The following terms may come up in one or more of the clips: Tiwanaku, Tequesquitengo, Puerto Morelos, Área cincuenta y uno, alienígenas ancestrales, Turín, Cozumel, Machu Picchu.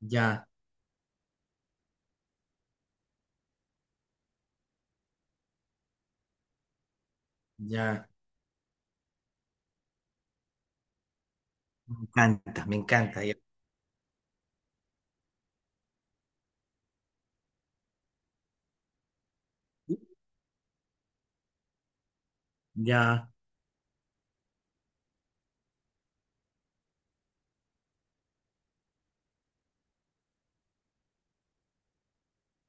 Ya, ya, me encanta, me encanta. Ya, ya,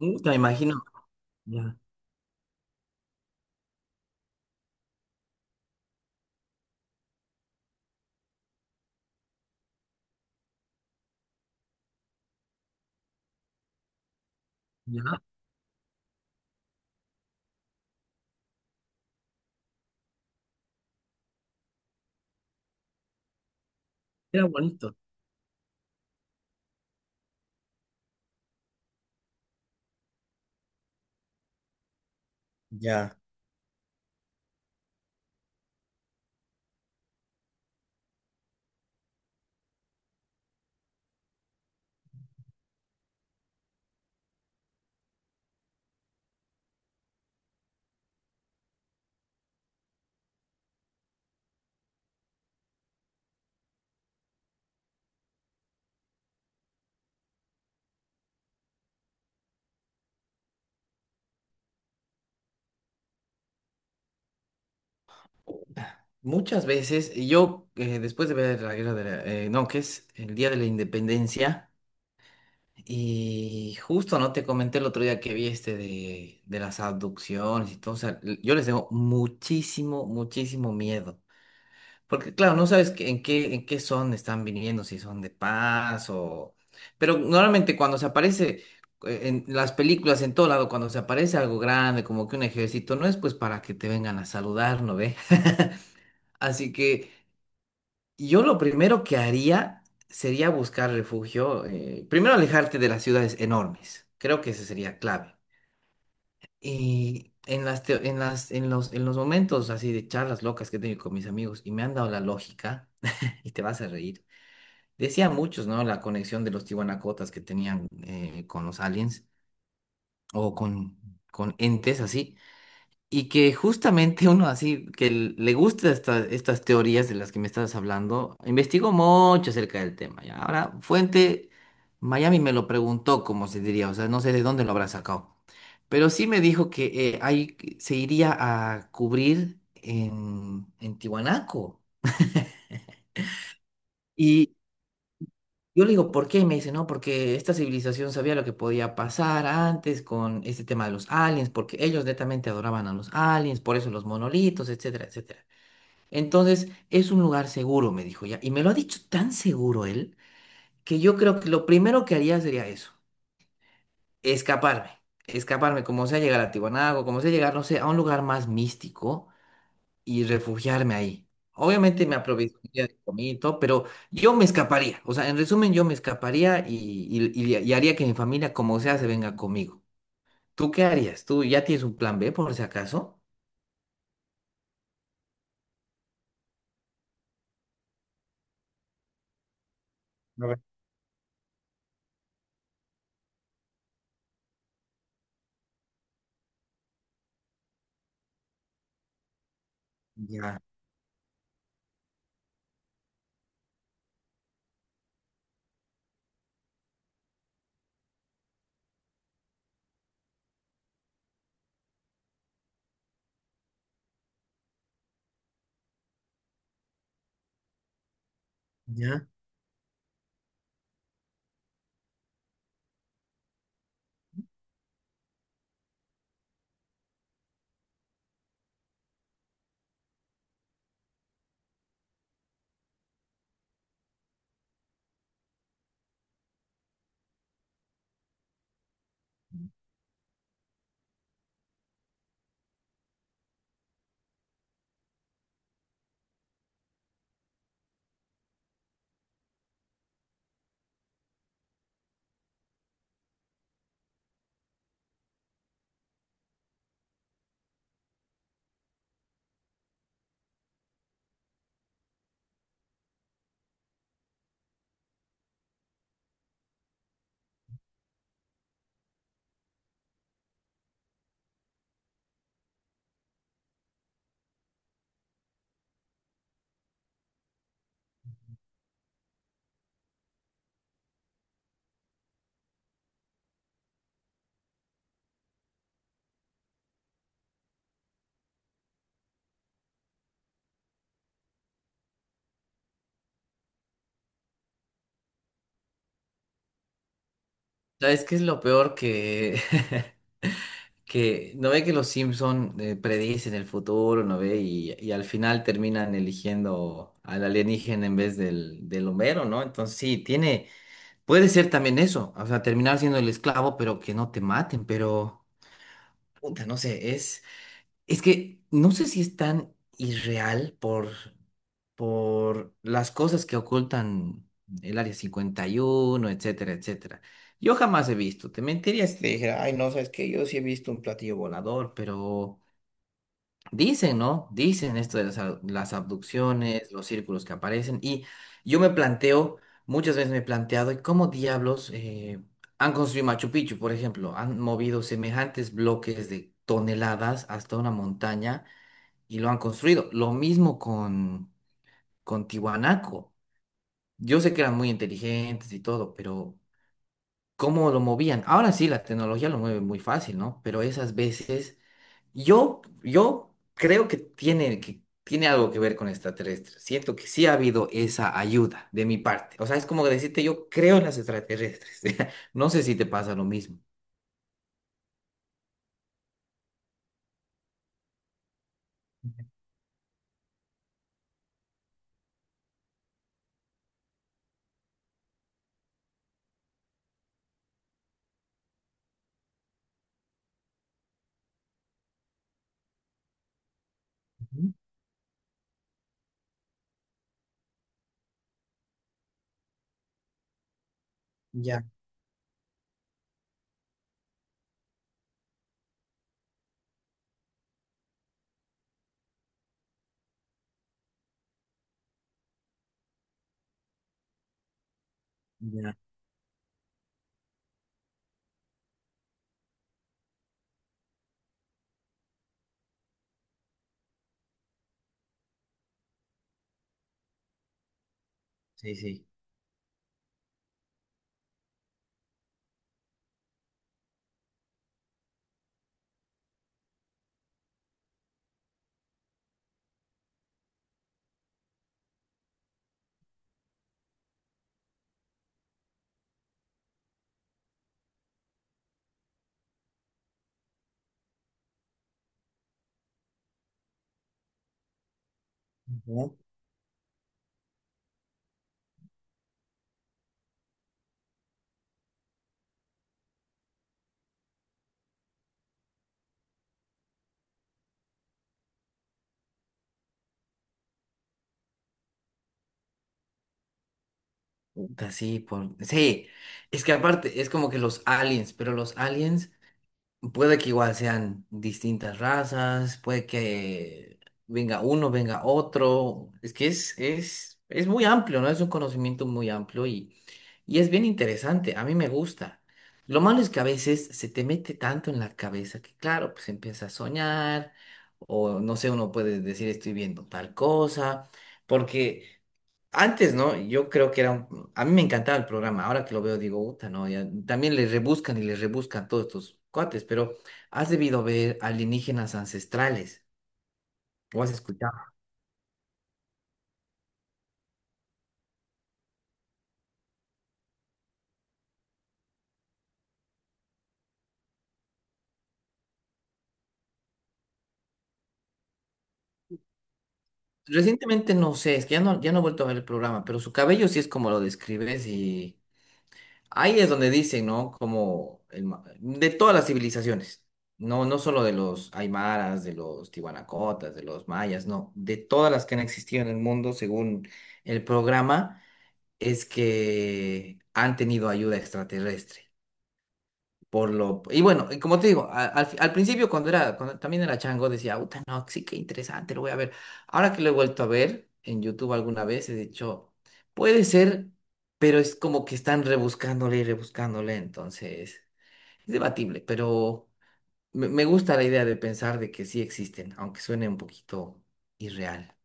me imagino, ya, ya, era bonito, ya. Puta. Muchas veces, y yo después de ver la guerra de la- no, que es el Día de la Independencia. Y justo no te comenté el otro día que vi este de las abducciones y todo. O sea, l- yo les tengo muchísimo, muchísimo miedo. Porque claro, no sabes en qué son están viniendo, si son de paz o... Pero normalmente cuando se aparece en las películas, en todo lado, cuando se aparece algo grande, como que un ejército, no es pues para que te vengan a saludar, ¿no ve? Así que yo lo primero que haría sería buscar refugio, primero alejarte de las ciudades enormes, creo que esa sería clave. Y en las, teo- en las, en los momentos así de charlas locas que he tenido con mis amigos y me han dado la lógica, y te vas a reír, decían muchos, ¿no? La conexión de los tiwanacotas que tenían con los aliens o con entes así. Y que justamente uno así, le gusta estas teorías de las que me estabas hablando, investigó mucho acerca del tema. ¿Ya? Ahora, fuente, Miami me lo preguntó, como se diría, o sea, no sé de dónde lo habrá sacado. Pero sí me dijo que ahí se iría a cubrir en Tiwanaku. Y yo le digo, ¿por qué? Y me dice, no, porque esta civilización sabía lo que podía pasar antes con este tema de los aliens, porque ellos netamente adoraban a los aliens, por eso los monolitos, etcétera, etcétera. Entonces, es un lugar seguro, me dijo ya. Y me lo ha dicho tan seguro él que yo creo que lo primero que haría sería eso, escaparme, escaparme, como sea llegar a Tiwanago, como sea llegar, no sé, a un lugar más místico y refugiarme ahí. Obviamente me aprovecharía de comida y todo, pero yo me escaparía. O sea, en resumen, yo me escaparía y haría que mi familia, como sea, se venga conmigo. ¿Tú qué harías? ¿Tú ya tienes un plan B por si acaso? A ver. Ya, ya. ¿Sabes qué es lo peor que... que no ve que los Simpson predicen el futuro, no ve, y al final terminan eligiendo al alienígena en vez del Homero, ¿no? Entonces sí, tiene, puede ser también eso, o sea, terminar siendo el esclavo, pero que no te maten, pero puta, no sé, es que no sé si es tan irreal por las cosas que ocultan el Área 51, etcétera, etcétera. Yo jamás he visto, te mentiría si te dijera, ay, no, sabes que yo sí he visto un platillo volador. Pero dicen, ¿no? Dicen esto de las abducciones, los círculos que aparecen, y yo me planteo, muchas veces me he planteado, ¿y cómo diablos han construido Machu Picchu, por ejemplo? Han movido semejantes bloques de toneladas hasta una montaña y lo han construido. Lo mismo con Tiwanaku. Yo sé que eran muy inteligentes y todo, pero ¿cómo lo movían? Ahora sí, la tecnología lo mueve muy fácil, ¿no? Pero esas veces, yo creo que tiene algo que ver con extraterrestres. Siento que sí ha habido esa ayuda de mi parte. O sea, es como decirte, yo creo en las extraterrestres. No sé si te pasa lo mismo. Ujú. Ya, ya, sí, sí. Ujú. Puta, sí, por... sí, es que aparte es como que los aliens, pero los aliens puede que igual sean distintas razas, puede que venga uno, venga otro. Es que es muy amplio, ¿no? Es un conocimiento muy amplio y es bien interesante. A mí me gusta. Lo malo es que a veces se te mete tanto en la cabeza que, claro, pues empieza a soñar o no sé, uno puede decir estoy viendo tal cosa, porque antes, ¿no? Yo creo que era un... A mí me encantaba el programa. Ahora que lo veo, digo, puta, no, ya... También le rebuscan y le rebuscan todos estos cuates, pero has debido ver alienígenas ancestrales. ¿O has escuchado? Recientemente no sé, es que ya no, ya no he vuelto a ver el programa, pero su cabello sí es como lo describes y ahí es donde dicen, ¿no? Como el ma- de todas las civilizaciones, no, no solo de los aymaras, de los tiwanacotas, de los mayas, no, de todas las que han existido en el mundo según el programa es que han tenido ayuda extraterrestre. Por lo, y bueno, y como te digo, al principio cuando cuando también era chango, decía, uta, no, sí, qué interesante, lo voy a ver. Ahora que lo he vuelto a ver en YouTube alguna vez, he dicho, puede ser, pero es como que están rebuscándole y rebuscándole, entonces es debatible, pero me gusta la idea de pensar de que sí existen, aunque suene un poquito irreal.